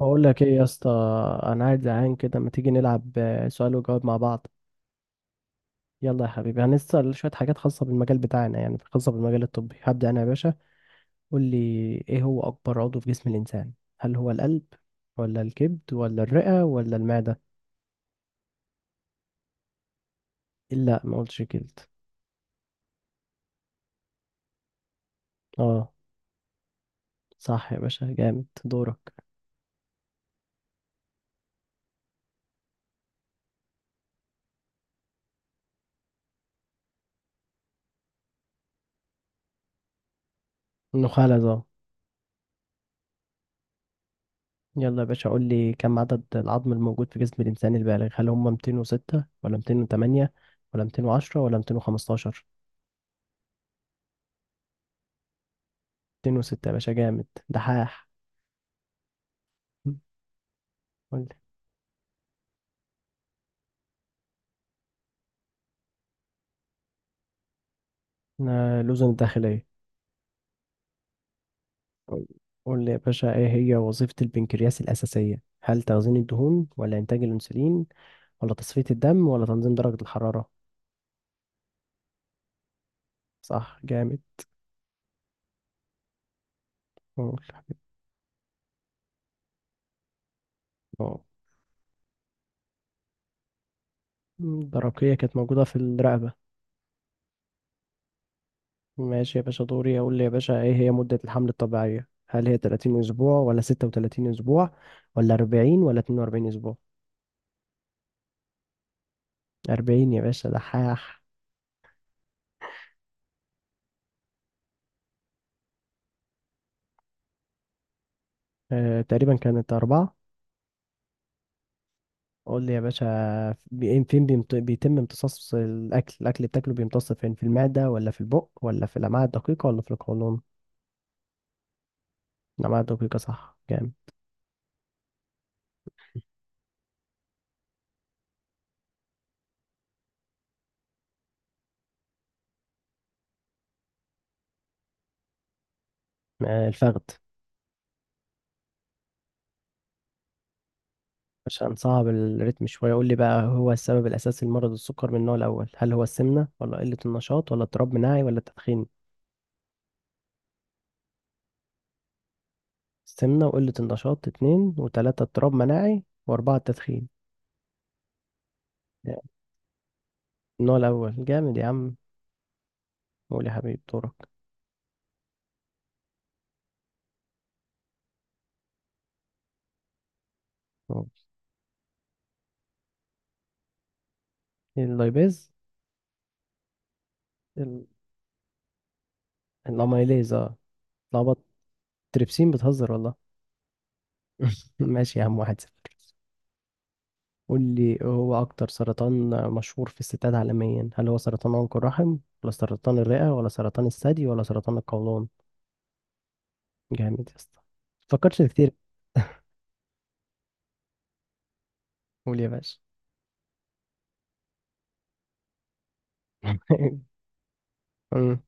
بقول لك ايه يا اسطى. انا قاعد زهقان كده، ما تيجي نلعب سؤال وجواب مع بعض؟ يلا يا حبيبي، هنسأل شوية حاجات خاصة بالمجال بتاعنا، يعني خاصة بالمجال الطبي. هبدأ انا يا باشا. قول لي، ايه هو اكبر عضو في جسم الانسان؟ هل هو القلب ولا الكبد ولا الرئة ولا المعدة؟ لا، ما قلتش الكبد. اه. صح يا باشا، جامد. دورك. النخاع ده. يلا يا باشا، قول لي، كم عدد العظم الموجود في جسم الانسان البالغ؟ هل هم 206 ولا 208 ولا 210 ولا 215؟ اتنين وستة يا باشا، جامد دحاح. قول لي. أنا الأذن الداخلية. قول. قول لي يا باشا، إيه هي وظيفة البنكرياس الأساسية؟ هل تخزين الدهون ولا إنتاج الأنسولين ولا تصفية الدم ولا تنظيم درجة الحرارة؟ صح جامد. قول. أه. الدرقية كانت موجودة في الرقبة. ماشي يا باشا، دوري. أقول لي يا باشا، إيه هي مدة الحمل الطبيعية؟ هل هي 30 أسبوع ولا 36 أسبوع ولا 40 ولا 42 أسبوع؟ 40 يا باشا دحاح. أه، تقريبا كانت أربعة. قول لي يا باشا، فين بيتم امتصاص الاكل اللي بتاكله، بيمتص فين؟ في المعده ولا في البق ولا في الامعاء الدقيقه ولا في القولون؟ الامعاء الدقيقه، صح جامد. آه، الفخذ. عشان صعب الريتم شويه. قول لي بقى، هو السبب الاساسي لمرض السكر من النوع الاول، هل هو السمنه ولا قله النشاط ولا اضطراب مناعي ولا تدخين؟ السمنه وقله النشاط اتنين، وتلاته اضطراب مناعي، واربعه التدخين. يعني النوع الاول، جامد يا عم. قول يا حبيبي، دورك. اللايبيز. الاميليز اه. اتلخبطت. تريبسين، بتهزر والله. ماشي يا عم، 1-0. قول لي، هو أكتر سرطان مشهور في الستات عالميا، هل هو سرطان عنق الرحم ولا سرطان الرئة ولا سرطان الثدي ولا سرطان القولون؟ جامد يا اسطى. فكرتش كتير. قول يا باشا. أمم،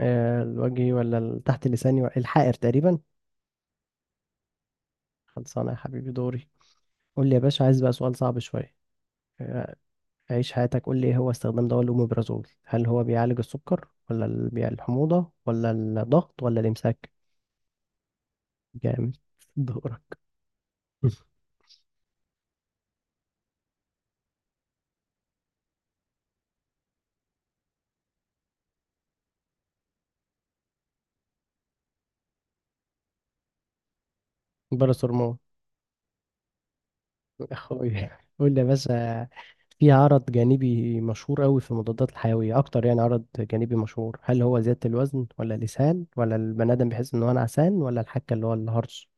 آه، الوجهي ولا تحت اللساني الحائر تقريبا. خلصانة يا حبيبي، دوري. قول لي يا باشا، عايز بقى سؤال صعب شوية. آه، عيش حياتك. قول لي، ايه هو استخدام دواء الأوميبرازول؟ هل هو بيعالج السكر ولا الحموضة ولا الضغط ولا الإمساك؟ جامد. دورك. باراسور مو. اخوي. قول لي بس. في عرض جانبي مشهور قوي في المضادات الحيوية اكتر، يعني عرض جانبي مشهور، هل هو زيادة الوزن ولا الإسهال ولا البني آدم بيحس ان هو انا عسان ولا الحكة اللي هو الهرش؟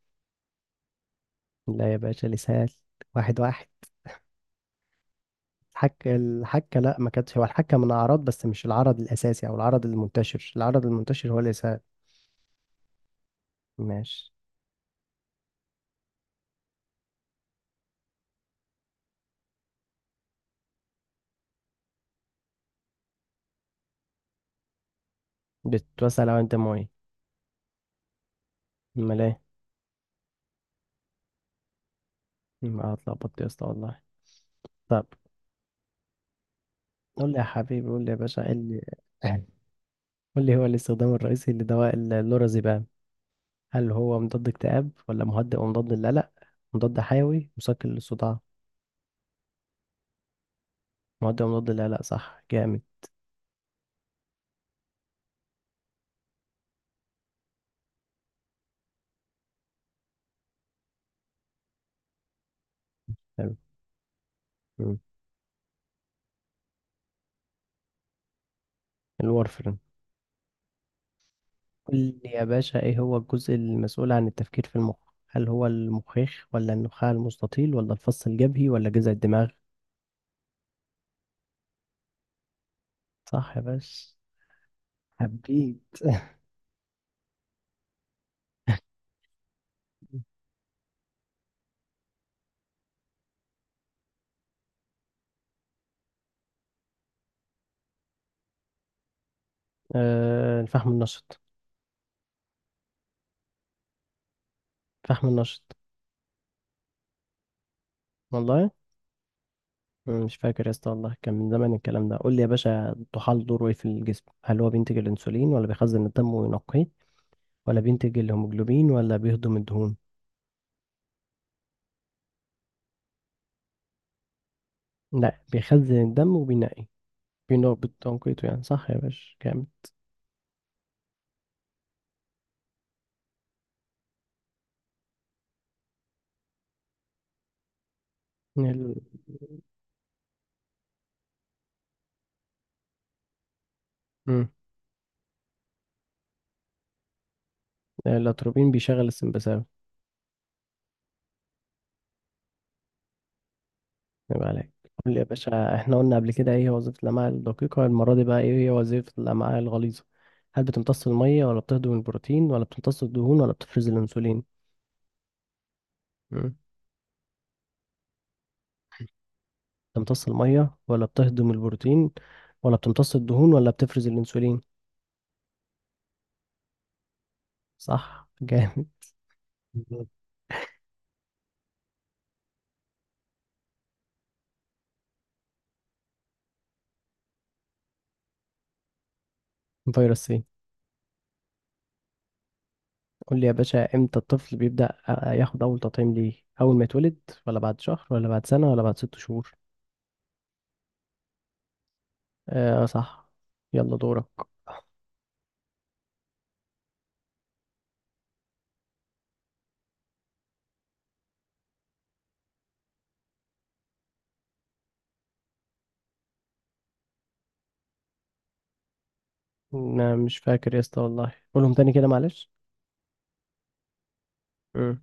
لا يا باشا، الإسهال. 1-1. الحكة الحكة لا، ما كانتش. هو الحكة من أعراض بس مش العرض الأساسي أو العرض المنتشر، العرض المنتشر هو الإسهال. ماشي. بتتوسع لو أنت ميه. أمال إيه؟ ما اتلخبطت يا اسطى والله. طب قول لي يا باشا، ايه اللي... قول لي، هو الاستخدام الرئيسي لدواء اللورازيبام، هل هو مضاد اكتئاب ولا مهدئ ومضاد للقلق، مضاد حيوي، مسكن للصداع؟ مهدئ ومضاد للقلق، صح جامد. حلو. مم. الورفرين. قول لي يا باشا، ايه هو الجزء المسؤول عن التفكير في المخ؟ هل هو المخيخ ولا النخاع المستطيل ولا الفص الجبهي ولا جذع الدماغ؟ صح يا باشا. حبيت. آه، الفحم النشط. فحم النشط. والله. مش فاكر يا اسطى والله، كان من زمان الكلام ده. قول لي يا باشا، الطحال دوره ايه في الجسم؟ هل هو بينتج الانسولين ولا بيخزن الدم وينقيه ولا بينتج الهيموجلوبين ولا بيهضم الدهون؟ لا، بيخزن الدم وبينقي. بينقي بتنقيته يعني، صح يا باشا كامل. ال... مم. الاتروبين بيشغل السمبثاوي. يبقى عليك. قول لي يا باشا، احنا قلنا قبل كده ايه هي وظيفة الامعاء الدقيقة، المرة دي بقى ايه هي وظيفة الامعاء الغليظة؟ هل بتمتص المية ولا بتهضم البروتين ولا بتمتص الدهون ولا بتفرز الانسولين؟ بتمتص المية ولا بتهضم البروتين ولا بتمتص الدهون ولا بتفرز الأنسولين. صح جامد. بالظبط. فيروس سي. قول لي يا باشا، امتى الطفل بيبدأ ياخد أول تطعيم ليه؟ أول ما يتولد ولا بعد شهر ولا بعد سنة ولا بعد ست شهور؟ آه صح. يلا دورك. أنا مش فاكر يا اسطى والله، قولهم تاني كده معلش. مم.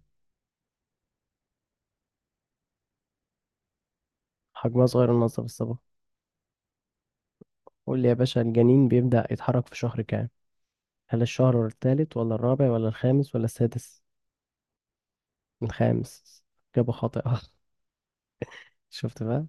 حجمها صغير ونظف الصباح. قول لي يا باشا، الجنين بيبدأ يتحرك في شهر كام؟ هل الشهر التالت ولا الرابع ولا الخامس ولا السادس؟ الخامس. إجابة خاطئة. شفت بقى.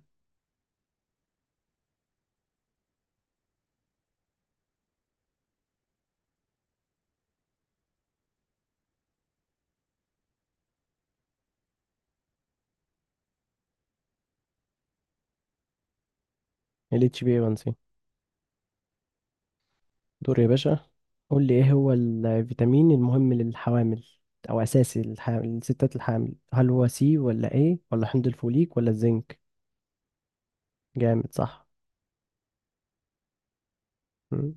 ال اتش بي 1 سي. دور يا باشا. قول لي، ايه هو الفيتامين المهم للحوامل، او اساسي للحامل، للستات الحامل؟ هل هو سي ولا ايه ولا حمض الفوليك ولا الزنك؟ جامد صح. مم.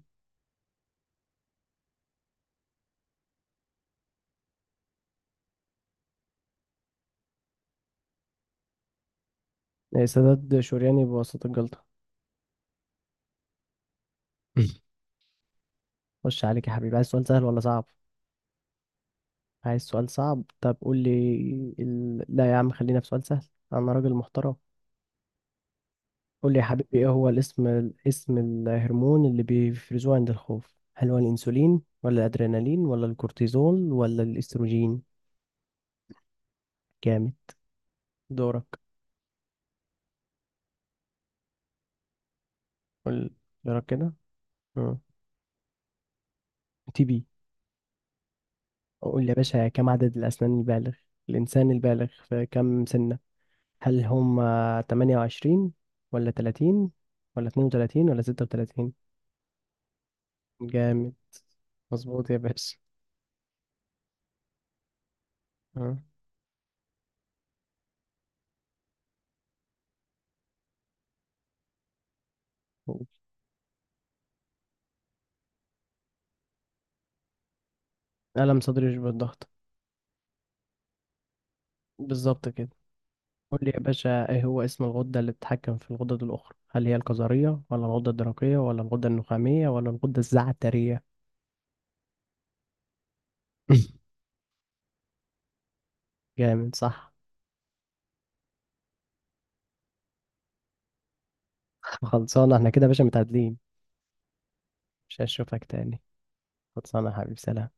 إيه، سداد شورياني بواسطة الجلطة. خش عليك يا حبيبي، عايز سؤال سهل ولا صعب؟ عايز سؤال صعب، طب قول لي لا يا عم، خلينا في سؤال سهل. انا راجل محترم. قول لي يا حبيبي، ايه هو اسم الهرمون اللي بيفرزوه عند الخوف؟ هل هو الانسولين ولا الادرينالين ولا الكورتيزول ولا الاستروجين؟ جامد. دورك. قول. دورك كده. اه، تي بي. قول لي يا باشا، كم عدد الاسنان الانسان البالغ في كم سنة؟ هل هم 28 ولا 30 ولا 32 ولا 36؟ جامد. مظبوط يا باشا. آه. ألم صدري يشبه الضغط. بالظبط كده. قول لي يا باشا، ايه هو اسم الغدة اللي بتتحكم في الغدد الأخرى؟ هل هي الكظرية ولا الغدة الدرقية ولا الغدة النخامية ولا الغدة الزعترية؟ جامد صح. خلصانة احنا كده يا باشا، متعادلين. مش هشوفك تاني. خلصانة يا حبيبي، سلام.